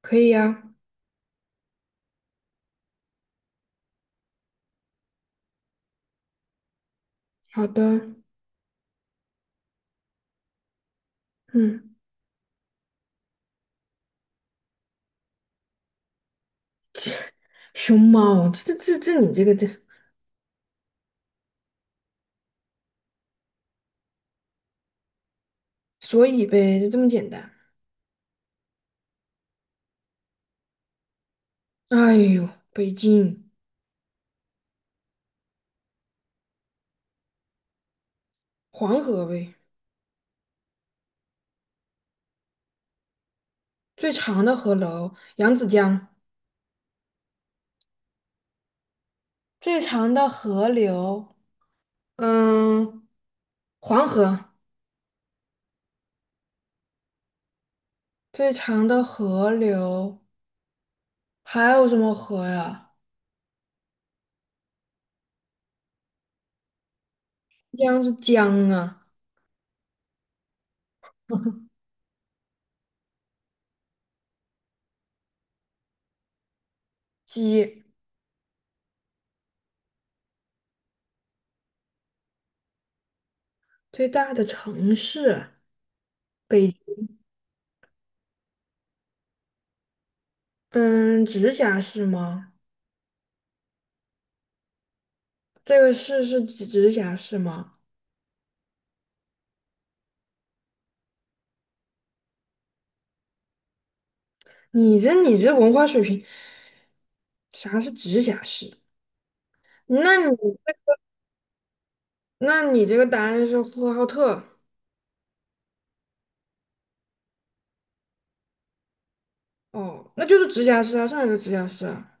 可以呀。好的。嗯。熊猫，这，所以呗，就这么简单。哎呦，北京。黄河呗。最长的河流扬子江。最长的河流，嗯，黄河。最长的河流还有什么河呀？江是江啊。鸡。最大的城市。北。嗯，直辖市吗？这个市是直辖市吗？你这你这文化水平，啥是直辖市？那你那你这个答案是呼和浩特。哦，那就是直辖市啊，上海的直辖市啊。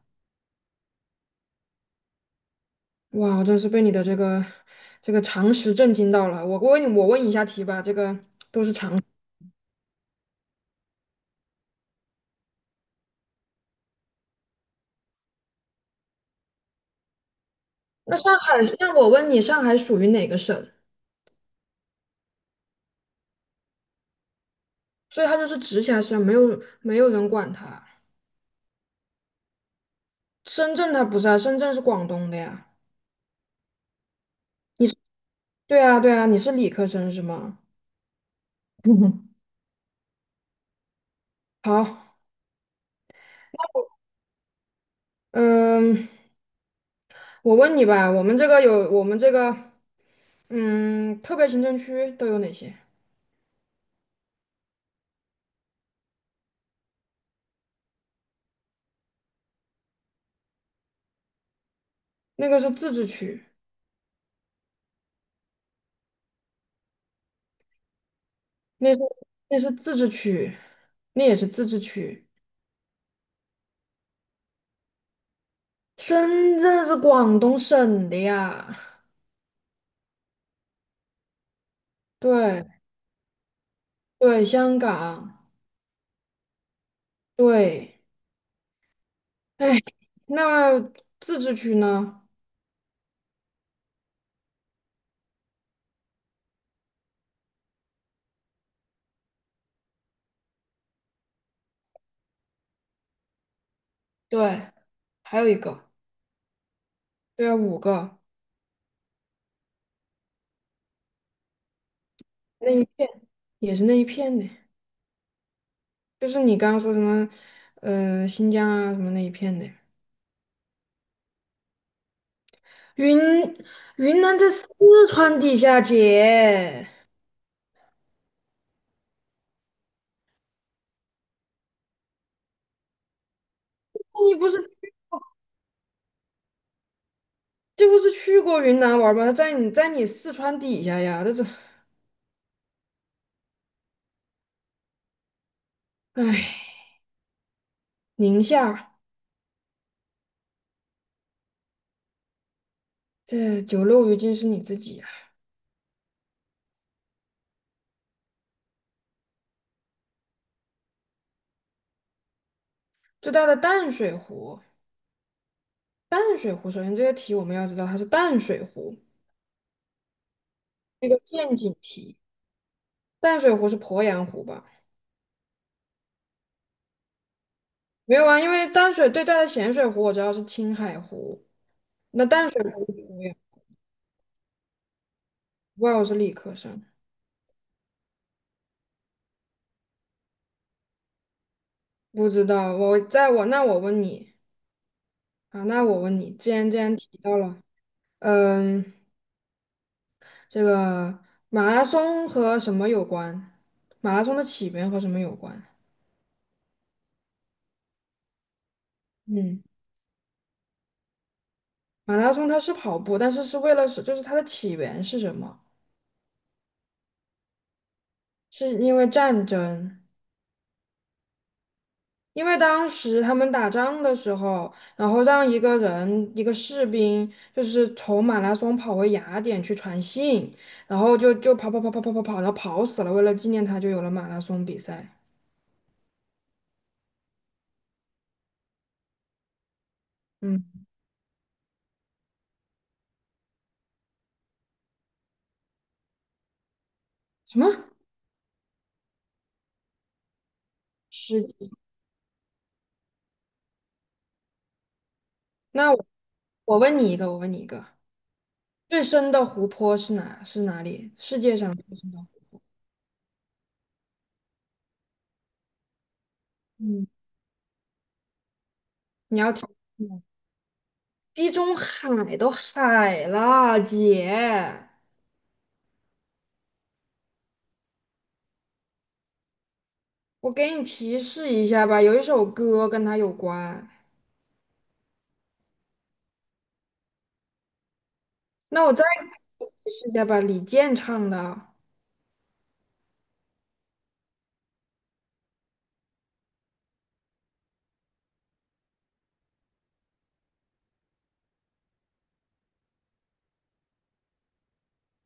哇，我真是被你的这个常识震惊到了。我问你，我问一下题吧，这个。那上海，那我问你，上海属于哪个省？所以它就是直辖市啊，没有人管它。深圳它不是啊，深圳是广东的呀。对啊，你是理科生是吗？好。嗯。我问你吧，我们这个，嗯，特别行政区都有哪些？那个是自治区。那是那是自治区，那也是自治区。深圳是广东省的呀。对。对，香港。对。那自治区呢？对，还有一个。对啊，五个。那一片也是那一片的，就是你刚刚说什么，新疆啊什么那一片的。云云南在四川底下，姐。你不是这不是去过云南玩儿吗？在你在你四川底下呀，这，哎，宁夏。这九六鱼今是你自己啊！最大的淡水湖。淡水湖，首先这个题我们要知道它是淡水湖，那个陷阱题。淡水湖是鄱阳湖吧？没有啊，因为淡水最大的咸水湖我知道是青海湖，那淡水湖是鄱阳。不知道，我是理科生。不知道。我问你。啊，那我问你，既然提到了，嗯，这个马拉松和什么有关？马拉松的起源和什么有关？嗯，马拉松它是跑步，但是是为了是，就是它的起源是什么？是因为战争，因为当时他们打仗的时候，然后让一个人，一个士兵，就是从马拉松跑回雅典去传信，然后就跑，然后跑死了，为了纪念他，就有了马拉松比赛。嗯。什么？是。那我问你一个，我问你一个，最深的湖泊是哪里？世界上最深的湖泊？嗯，你要听吗。地中海都海了，姐。我给你提示一下吧，有一首歌跟它有关。那我再给你提示一下吧，李健唱的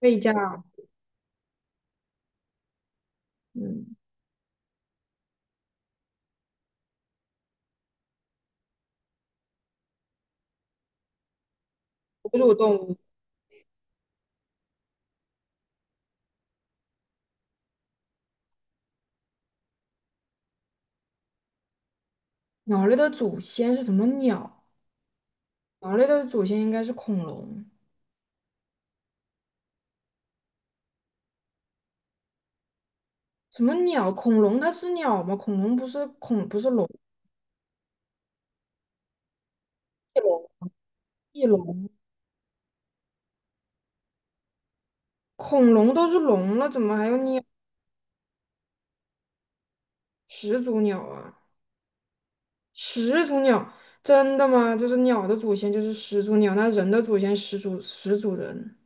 《睡觉》。嗯。哺乳动物。鸟类的祖先是什么鸟？鸟类的祖先应该是恐龙。什么鸟？恐龙它是鸟吗？恐龙不是龙。翼龙。恐龙都是龙了，怎么还有鸟？始祖鸟啊。始祖鸟。真的吗？就是鸟的祖先就是始祖鸟，那人的祖先始祖人。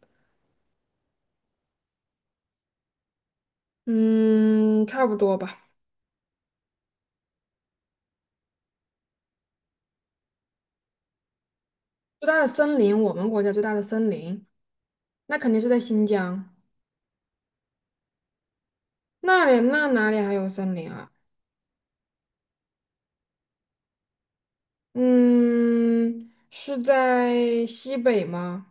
嗯，差不多吧。最大的森林，我们国家最大的森林，那肯定是在新疆。那里哪里还有森林啊？嗯，是在西北吗？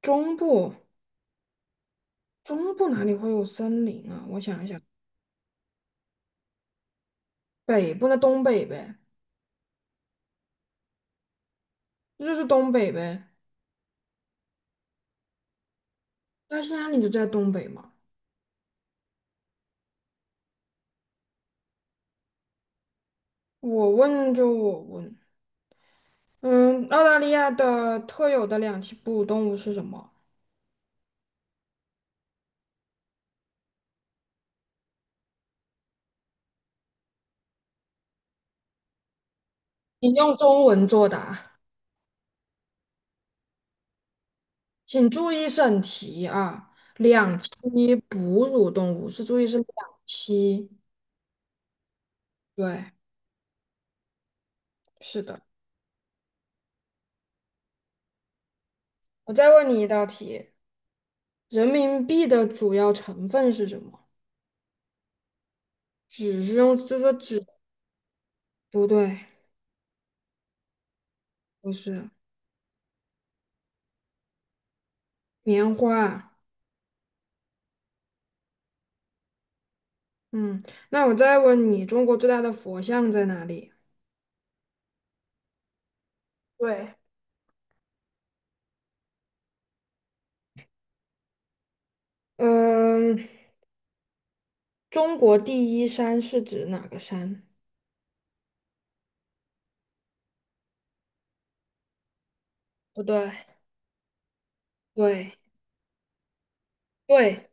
中部。中部哪里会有森林啊？我想一想。北部那东北呗。那就是东北呗。那是在你就在东北嘛？我问，嗯，澳大利亚的特有的两栖哺乳动物是什么？请用中文作答。请注意审题啊！两栖哺乳动物是注意是两栖。对，是的。我再问你一道题，人民币的主要成分是什么？纸是用，就说纸，不对，不是。棉花。嗯，那我再问你，中国最大的佛像在哪里？对。嗯，中国第一山是指哪个山？不对，对。对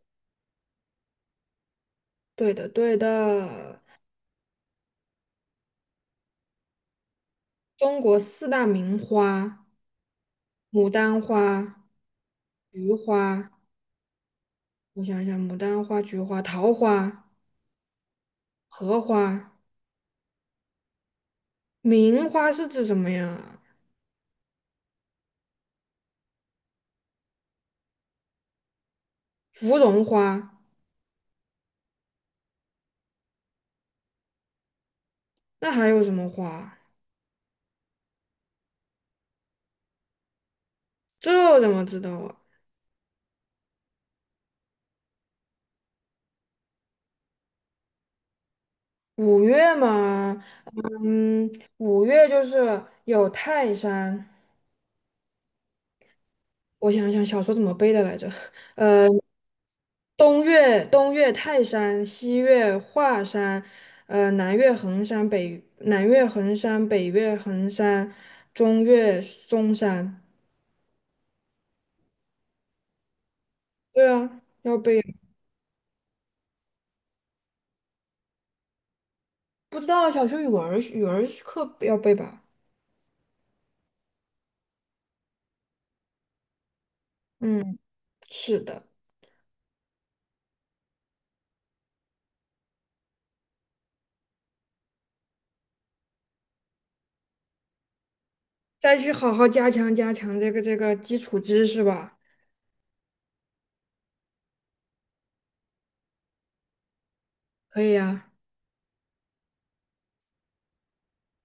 对的对的，中国四大名花：牡丹花、菊花。我想一想，牡丹花、菊花、桃花、荷花。名花是指什么呀？芙蓉花。那还有什么花？这怎么知道啊？五月嘛。嗯，五月就是有泰山。我想想，小说怎么背的来着？呃，东岳泰山，西岳华山，南岳衡山，北岳衡山，中岳嵩山。对啊，要背。不知道小学语文儿课要背吧？嗯，是的。再去好好加强这个基础知识吧。可以呀、